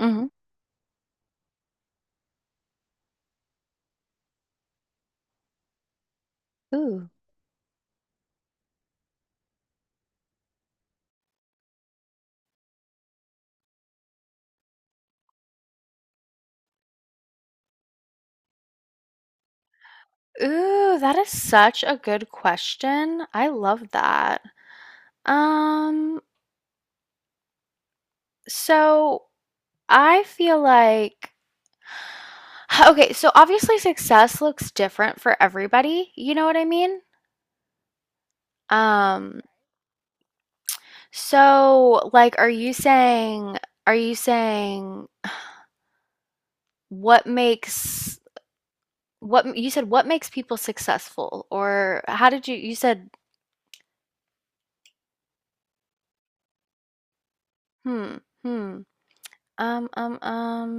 Hmm. Ooh. Ooh, that is such a good question. I love that. Um, so I feel like okay, so obviously success looks different for everybody. You know what I mean? Um, so like are you saying what makes what you said what makes people successful or how did you said hmm. Hmm. um um um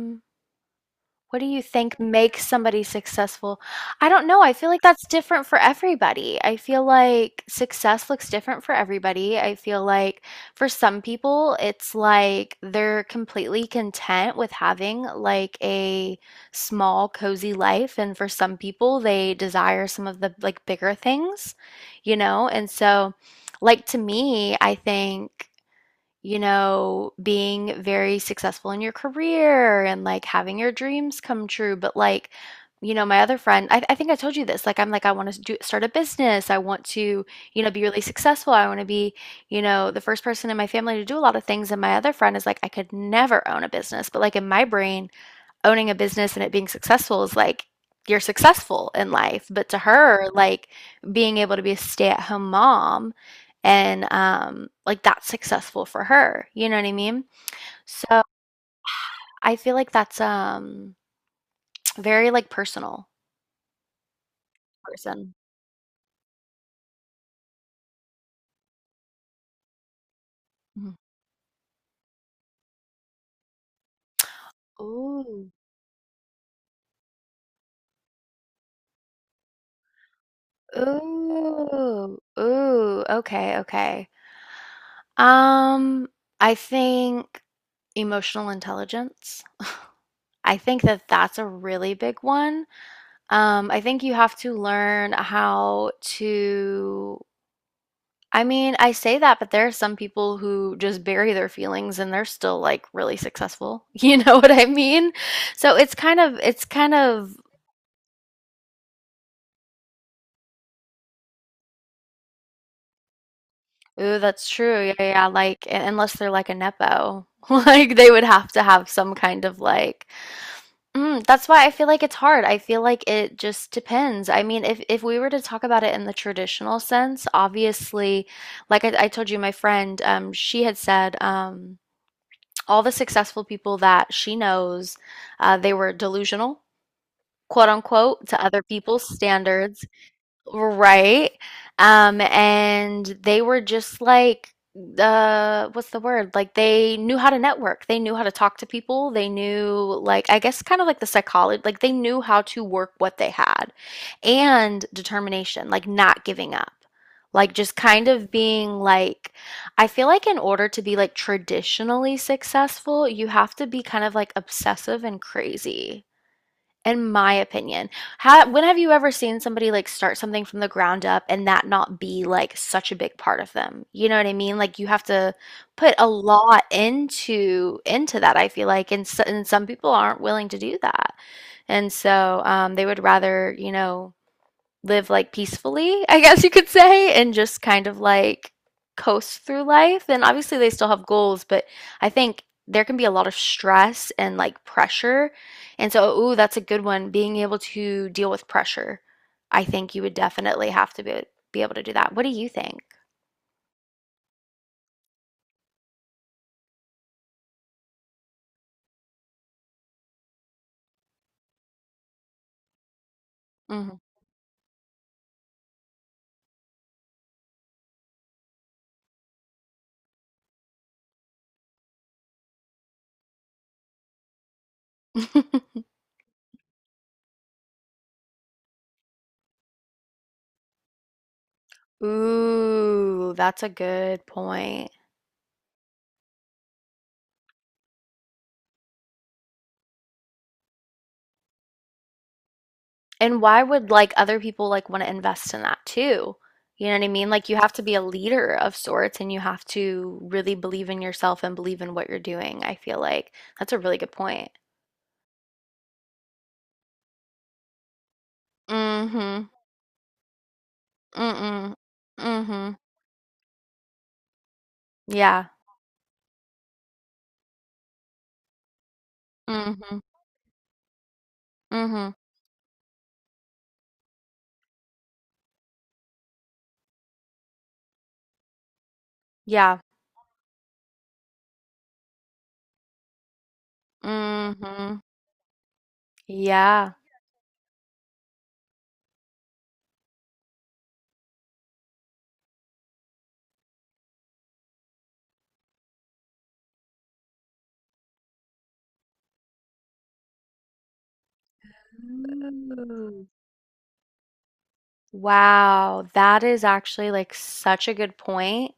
What do you think makes somebody successful? I don't know. I feel like that's different for everybody. I feel like success looks different for everybody. I feel like for some people, it's like they're completely content with having like a small, cozy life. And for some people, they desire some of the like bigger things, And so, like to me, I think being very successful in your career and like having your dreams come true. But like, my other friend, I think I told you this. Like, I'm like, I want to do start a business. I want to, be really successful. I want to be, the first person in my family to do a lot of things. And my other friend is like, I could never own a business. But like in my brain, owning a business and it being successful is like you're successful in life. But to her, like being able to be a stay-at-home mom and like that's successful for her. You know what I mean? So I feel like that's very like personal person. Mhm. Ooh. Ooh. Ooh. Okay, okay. Um, I think emotional intelligence. I think that that's a really big one. I think you have to learn how to. I mean, I say that, but there are some people who just bury their feelings and they're still like really successful. You know what I mean? So ooh, that's true. Yeah, yeah, yeah. Like, unless they're like a nepo, like they would have to have some kind of like mm, that's why I feel like it's hard. I feel like it just depends. I mean, if we were to talk about it in the traditional sense, obviously, like I told you, my friend, she had said, all the successful people that she knows, they were delusional, quote unquote, to other people's standards. Right. And they were just like, what's the word? Like they knew how to network. They knew how to talk to people. They knew like I guess kind of like the psychology, like they knew how to work what they had. And determination, like not giving up. Like just kind of being like I feel like in order to be like traditionally successful, you have to be kind of like obsessive and crazy in my opinion. How, when have you ever seen somebody like start something from the ground up and that not be like such a big part of them? You know what I mean? Like you have to put a lot into that, I feel like, and some people aren't willing to do that. And so they would rather, live like peacefully, I guess you could say, and just kind of like coast through life. And obviously, they still have goals, but I think there can be a lot of stress and like pressure. And so, ooh, that's a good one. Being able to deal with pressure. I think you would definitely have to be able to do that. What do you think? Hmm. Ooh, that's a good point. And why would like other people like want to invest in that too? You know what I mean? Like you have to be a leader of sorts and you have to really believe in yourself and believe in what you're doing. I feel like that's a really good point. Mm-hmm. Mm-mm. Mm-hmm. Yeah. Mm-hmm. Mm-hmm. Yeah. Mm-hmm. Yeah. Ooh. Wow, that is actually like such a good point.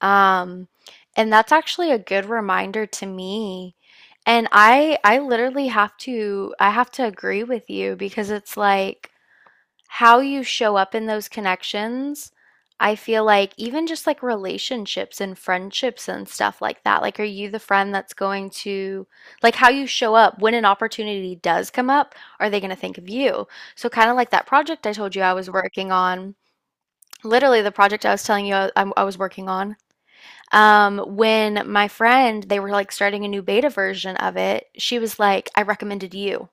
Um, and that's actually a good reminder to me. And I literally have to I have to agree with you because it's like how you show up in those connections. I feel like even just like relationships and friendships and stuff like that. Like, are you the friend that's going to, like, how you show up when an opportunity does come up? Are they going to think of you? So, kind of like that project I told you I was working on, literally the project I was telling you I was working on. When my friend, they were like starting a new beta version of it, she was like, I recommended you.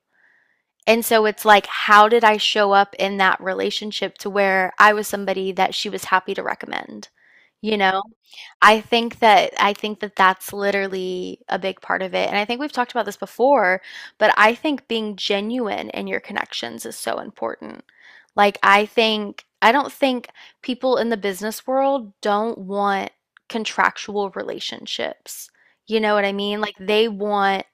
And so it's like, how did I show up in that relationship to where I was somebody that she was happy to recommend, you know? I think that that's literally a big part of it. And I think we've talked about this before, but I think being genuine in your connections is so important. Like I think I don't think people in the business world don't want contractual relationships. You know what I mean? Like they want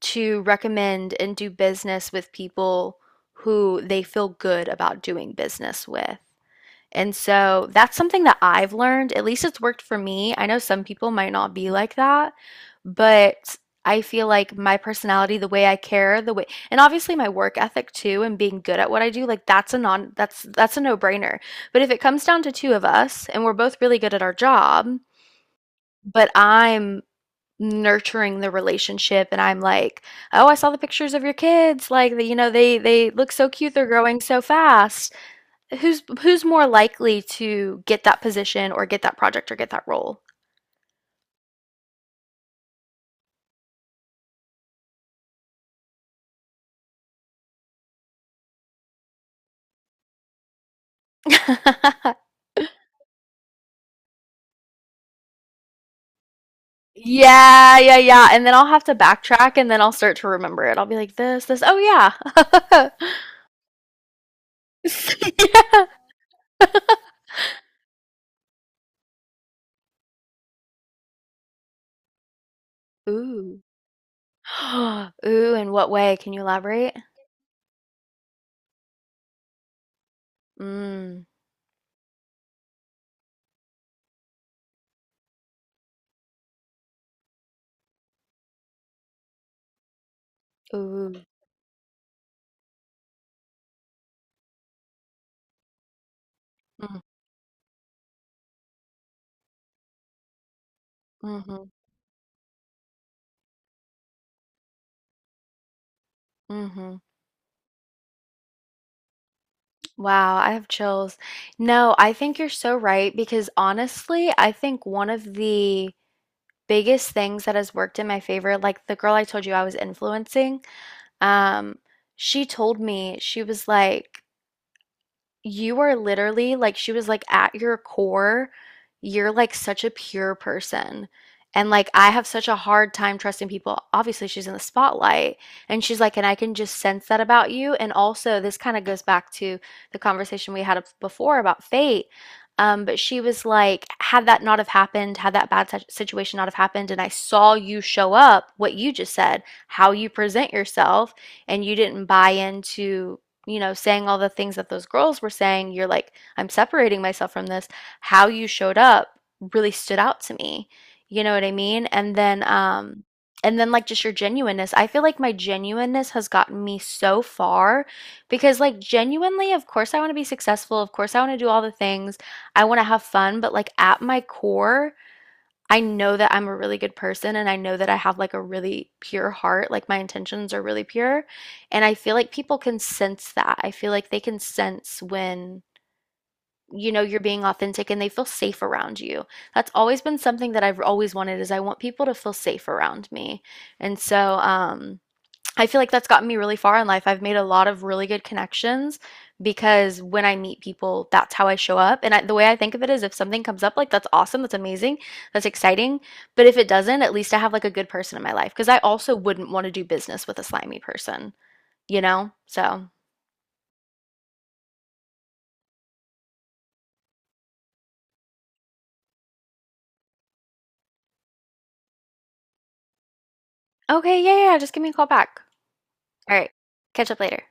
to recommend and do business with people who they feel good about doing business with. And so that's something that I've learned. At least it's worked for me. I know some people might not be like that, but I feel like my personality, the way I care, the way, and obviously my work ethic too, and being good at what I do, like that's a that's that's a no-brainer. But if it comes down to two of us and we're both really good at our job, but I'm nurturing the relationship and I'm like, "Oh, I saw the pictures of your kids. Like, they look so cute. They're growing so fast." Who's who's more likely to get that position or get that project or get that role? Yeah, yeah, yeah. And then I'll have to backtrack and then I'll start to remember it. I'll be like this. Oh yeah. Yeah. Ooh. Ooh, in what way? Can you elaborate? Mm. Ooh. Mm. Mm-hmm. Mm-hmm. Wow, I have chills. No, I think you're so right because honestly, I think one of the biggest things that has worked in my favor, like the girl I told you I was influencing, um, she told me, she was like, you are literally like, she was like, at your core, you're like such a pure person. And like, I have such a hard time trusting people. Obviously, she's in the spotlight. And she's like, and I can just sense that about you. And also, this kind of goes back to the conversation we had before about fate. But she was like, had that not have happened, had that bad situation not have happened, and I saw you show up, what you just said, how you present yourself, and you didn't buy into saying all the things that those girls were saying, you're like, I'm separating myself from this. How you showed up really stood out to me. You know what I mean? And then like just your genuineness. I feel like my genuineness has gotten me so far because like genuinely, of course I want to be successful. Of course I want to do all the things. I want to have fun, but like at my core, I know that I'm a really good person and I know that I have like a really pure heart, like my intentions are really pure. And I feel like people can sense that. I feel like they can sense when, you're being authentic and they feel safe around you. That's always been something that I've always wanted is I want people to feel safe around me. And so, I feel like that's gotten me really far in life. I've made a lot of really good connections because when I meet people, that's how I show up. And I, the way I think of it is if something comes up, like that's awesome, that's amazing, that's exciting. But if it doesn't, at least I have like a good person in my life because I also wouldn't want to do business with a slimy person, you know? So, okay, yeah, yeah, yeah, just give me a call back. All right, catch up later.